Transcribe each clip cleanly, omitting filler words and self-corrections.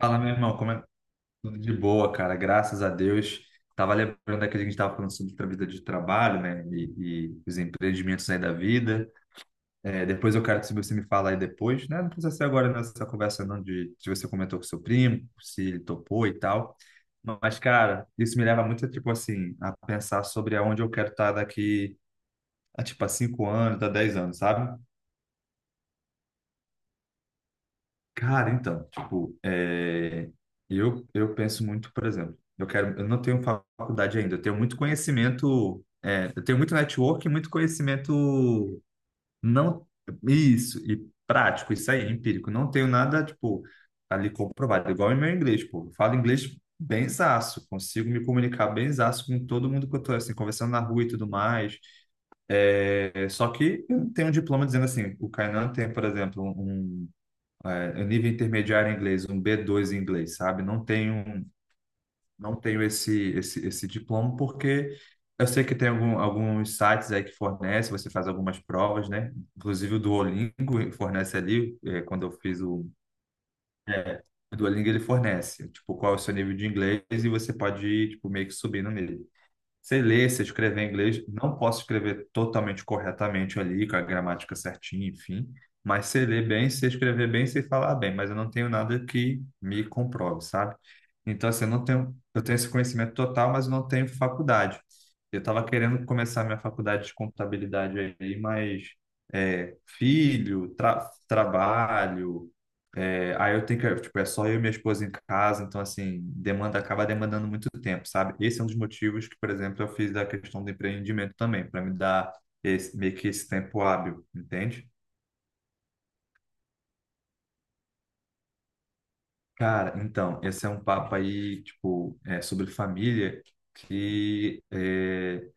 Fala, meu irmão, como é que tudo de boa, cara? Graças a Deus. Tava lembrando daquele que a gente tava falando sobre a vida de trabalho, né? E os empreendimentos aí da vida. É, depois eu quero que você me fala aí depois, né? Não precisa ser agora nessa conversa, não, de se você comentou com seu primo, se ele topou e tal. Mas, cara, isso me leva muito, tipo assim, a pensar sobre aonde eu quero estar daqui a, tipo, a cinco anos, a dez anos, sabe? Cara, então, tipo, eu penso muito, por exemplo, eu quero, eu não tenho faculdade ainda, eu tenho muito conhecimento, eu tenho muito network e muito conhecimento não, isso, e prático, isso aí, empírico, não tenho nada, tipo, ali comprovado, igual em meu inglês, pô, eu falo inglês benzaço, consigo me comunicar benzaço com todo mundo que eu tô, assim, conversando na rua e tudo mais, só que eu não tenho um diploma dizendo assim, o Kainan tem, por exemplo, um nível intermediário em inglês, um B2 em inglês, sabe? Não tenho, não tenho esse diploma porque eu sei que tem algum, alguns sites aí que fornecem, você faz algumas provas, né? Inclusive o Duolingo fornece ali, quando eu fiz o, é, o Duolingo ele fornece, tipo, qual é o seu nível de inglês e você pode ir, tipo, meio que subindo nele. Sei ler, sei escrever em inglês, não posso escrever totalmente corretamente ali, com a gramática certinha, enfim, mas sei ler bem, sei escrever bem, sei falar bem, mas eu não tenho nada que me comprove, sabe? Então, assim, eu não tenho, eu tenho esse conhecimento total, mas eu não tenho faculdade. Eu estava querendo começar minha faculdade de contabilidade aí, mas filho, trabalho, aí eu tenho que, tipo, é só eu e minha esposa em casa, então assim, demanda acaba demandando muito tempo, sabe? Esse é um dos motivos que, por exemplo, eu fiz da questão do empreendimento também, para me dar esse, meio que esse tempo hábil, entende? Cara, então, esse é um papo aí, tipo, sobre família, que é,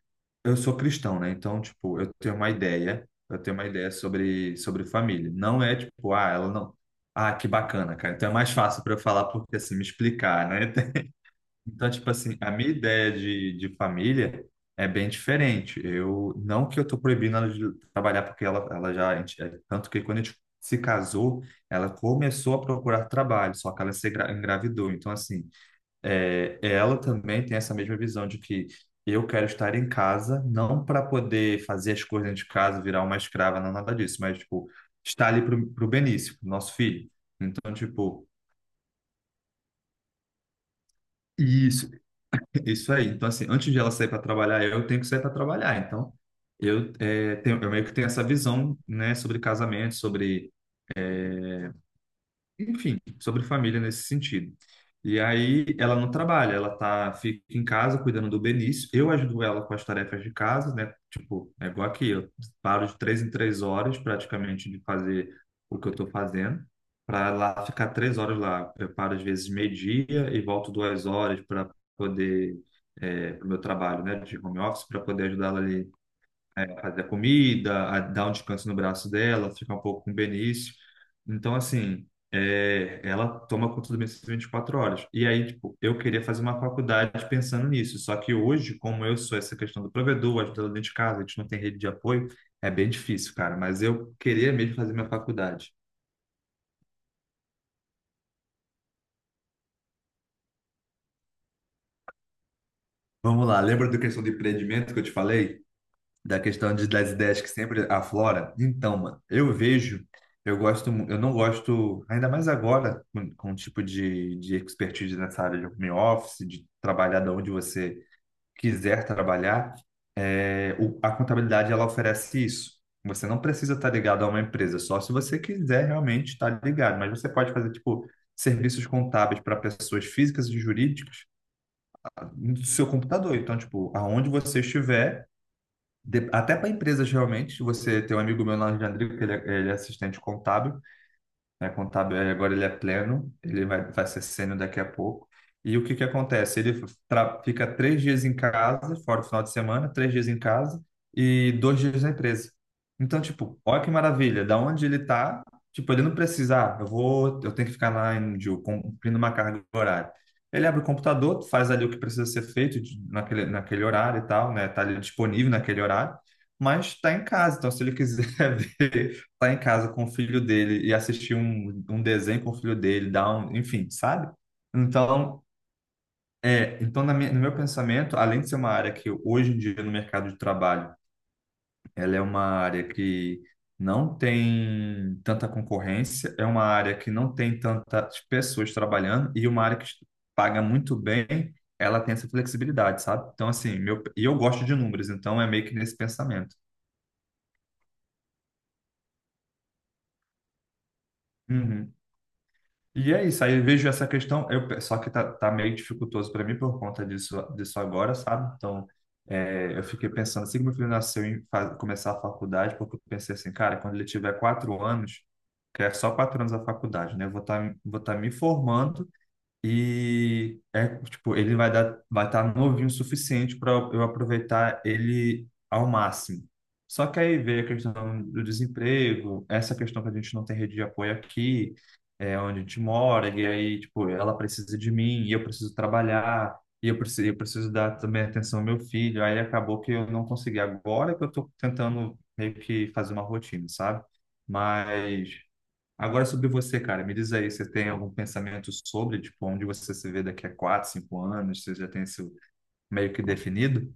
eu sou cristão, né? Então, tipo, eu tenho uma ideia sobre, sobre família. Não é tipo, ah, ela não. Ah, que bacana, cara. Então é mais fácil para eu falar porque assim, me explicar, né? Então, tipo assim, a minha ideia de família é bem diferente. Eu, não que eu tô proibindo ela de trabalhar, porque ela já, a gente- tanto que quando a gente se casou, ela começou a procurar trabalho, só que ela se engravidou. Então, assim, ela também tem essa mesma visão de que eu quero estar em casa, não para poder fazer as coisas dentro de casa, virar uma escrava, não nada disso, mas, tipo, estar ali pro Benício, pro nosso filho. Então, tipo, isso. Isso aí. Então, assim, antes de ela sair para trabalhar, eu tenho que sair para trabalhar. Então, eu, tenho, eu meio que tenho essa visão, né, sobre casamento, sobre enfim, sobre família nesse sentido. E aí ela não trabalha, ela tá, fica em casa cuidando do Benício. Eu ajudo ela com as tarefas de casa, né? Tipo, é igual aqui, eu paro de três em três horas praticamente de fazer o que eu tô fazendo, para lá ficar três horas lá. Eu paro às vezes meio-dia e volto duas horas para poder, para o meu trabalho, né? De home office, para poder ajudar ela ali fazer a comida, a dar um descanso no braço dela, ficar um pouco com o Benício. Então, assim, ela toma conta do Benício 24 horas. E aí, tipo, eu queria fazer uma faculdade pensando nisso. Só que hoje, como eu sou essa questão do provedor, ajudando dentro de casa, a gente não tem rede de apoio, é bem difícil, cara. Mas eu queria mesmo fazer minha faculdade. Vamos lá, lembra da questão do empreendimento que eu te falei? Da questão de, das ideias que sempre aflora. Então, mano, eu vejo, eu gosto, eu não gosto, ainda mais agora, com o tipo de expertise nessa área de home office, de trabalhar de onde você quiser trabalhar, a contabilidade ela oferece isso. Você não precisa estar ligado a uma empresa, só se você quiser realmente estar ligado, mas você pode fazer, tipo, serviços contábeis para pessoas físicas e jurídicas no seu computador. Então, tipo, aonde você estiver, até para empresas realmente, você tem um amigo meu lá de Andrigo, que ele é assistente contábil, né, contábil, aí agora ele é pleno, vai ser sênior daqui a pouco. E o que que acontece? Ele fica três dias em casa, fora o final de semana, três dias em casa e dois dias na empresa. Então, tipo, olha que maravilha, da onde ele tá, tipo, ele não precisa, ah, eu vou, eu tenho que ficar lá em Ju, cumprindo uma carga horária. Ele abre o computador, faz ali o que precisa ser feito naquele, naquele horário e tal, né? Tá ali disponível naquele horário, mas está em casa. Então, se ele quiser ver lá em casa com o filho dele e assistir um desenho com o filho dele, dar um, enfim, sabe? Então, então na minha, no meu pensamento, além de ser uma área que hoje em dia no mercado de trabalho, ela é uma área que não tem tanta concorrência, é uma área que não tem tantas pessoas trabalhando e uma área que paga muito bem, ela tem essa flexibilidade, sabe? Então, assim, meu, e eu gosto de números, então é meio que nesse pensamento. Uhum. E é isso, aí eu vejo essa questão, eu, só que tá meio dificultoso para mim por conta disso agora, sabe? Então, eu fiquei pensando, assim que meu filho nasceu em começar a faculdade, porque eu pensei assim, cara, quando ele tiver quatro anos, que é só quatro anos a faculdade, né? Eu vou estar vou tá me formando e é tipo, vai estar novinho o suficiente para eu aproveitar ele ao máximo. Só que aí veio a questão do desemprego, essa questão que a gente não tem rede de apoio aqui, é onde a gente mora, e aí, tipo, ela precisa de mim, e eu preciso trabalhar, e eu preciso dar também atenção ao meu filho. Aí acabou que eu não consegui. Agora que eu estou tentando meio que fazer uma rotina, sabe? Mas. Agora sobre você, cara, me diz aí, você tem algum pensamento sobre, tipo, onde você se vê daqui a quatro, cinco anos? Você já tem isso meio que definido?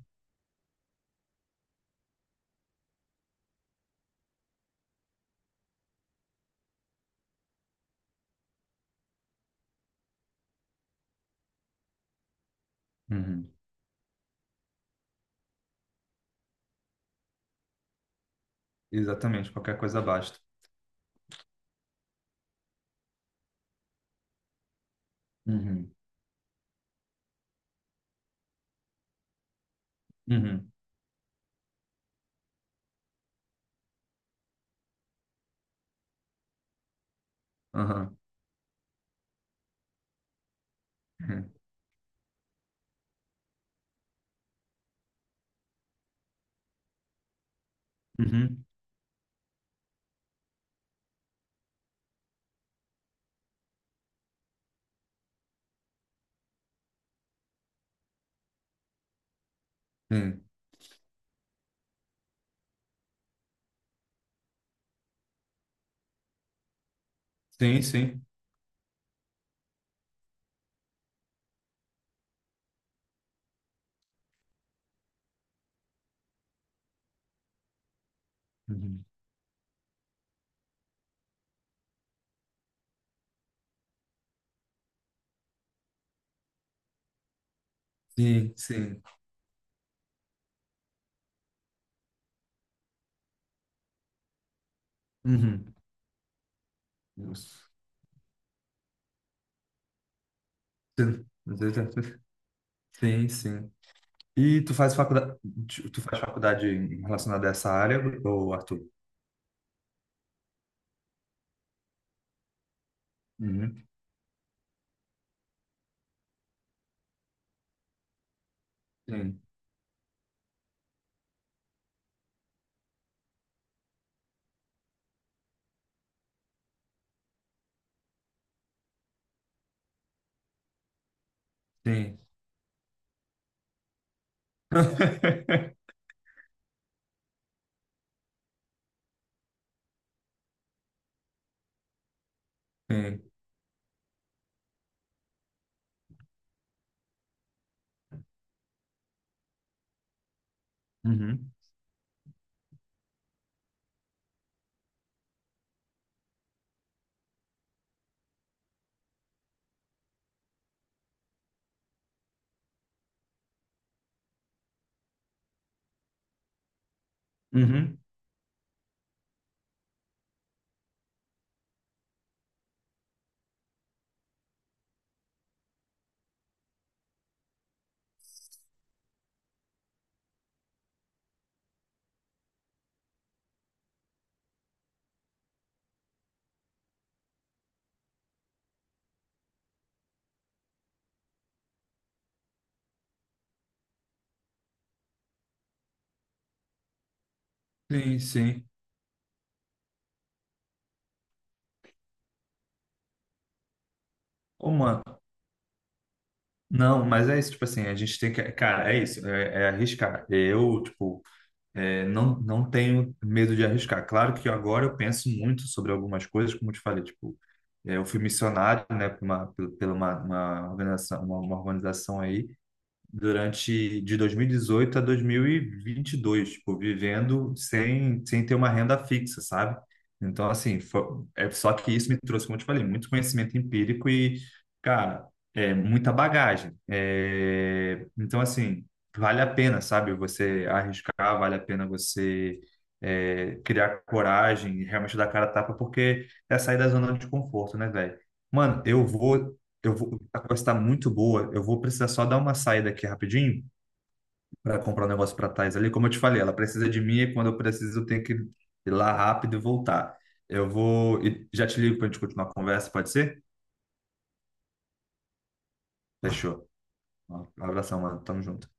Uhum. Exatamente, qualquer coisa basta. Uhum. Uhum. Aham. Uhum. Sim, sim. Sim, uhum. Sim, sim. Uhum. Isso. Sim, sim. E tu faz faculdade, tu faz faculdade relacionada a essa área, ou Arthur? Uhum. Sim, sim. Sim. Uhum. Uhum. Sim, sim. Ô, mano, não, mas é isso, tipo assim, a gente tem que, cara, é isso, é arriscar. Eu, tipo, não, não tenho medo de arriscar. Claro que agora eu penso muito sobre algumas coisas, como eu te falei, tipo, eu fui missionário, né, pela uma organização, uma organização aí, durante de 2018 a 2022, tipo, vivendo sem, sem ter uma renda fixa, sabe? Então, assim, é só que isso me trouxe, como eu te falei, muito conhecimento empírico e, cara, é muita bagagem. É, então, assim, vale a pena, sabe? Você arriscar, vale a pena você criar coragem e realmente dar cara a tapa, porque é sair da zona de conforto, né, velho? Mano, eu vou, a conversa está muito boa. Eu vou precisar só dar uma saída aqui rapidinho para comprar um negócio para Thais ali. Como eu te falei, ela precisa de mim e quando eu preciso, eu tenho que ir lá rápido e voltar. Eu vou e já te ligo para a gente continuar a conversa, pode ser? Fechou. Um abração, mano. Tamo junto.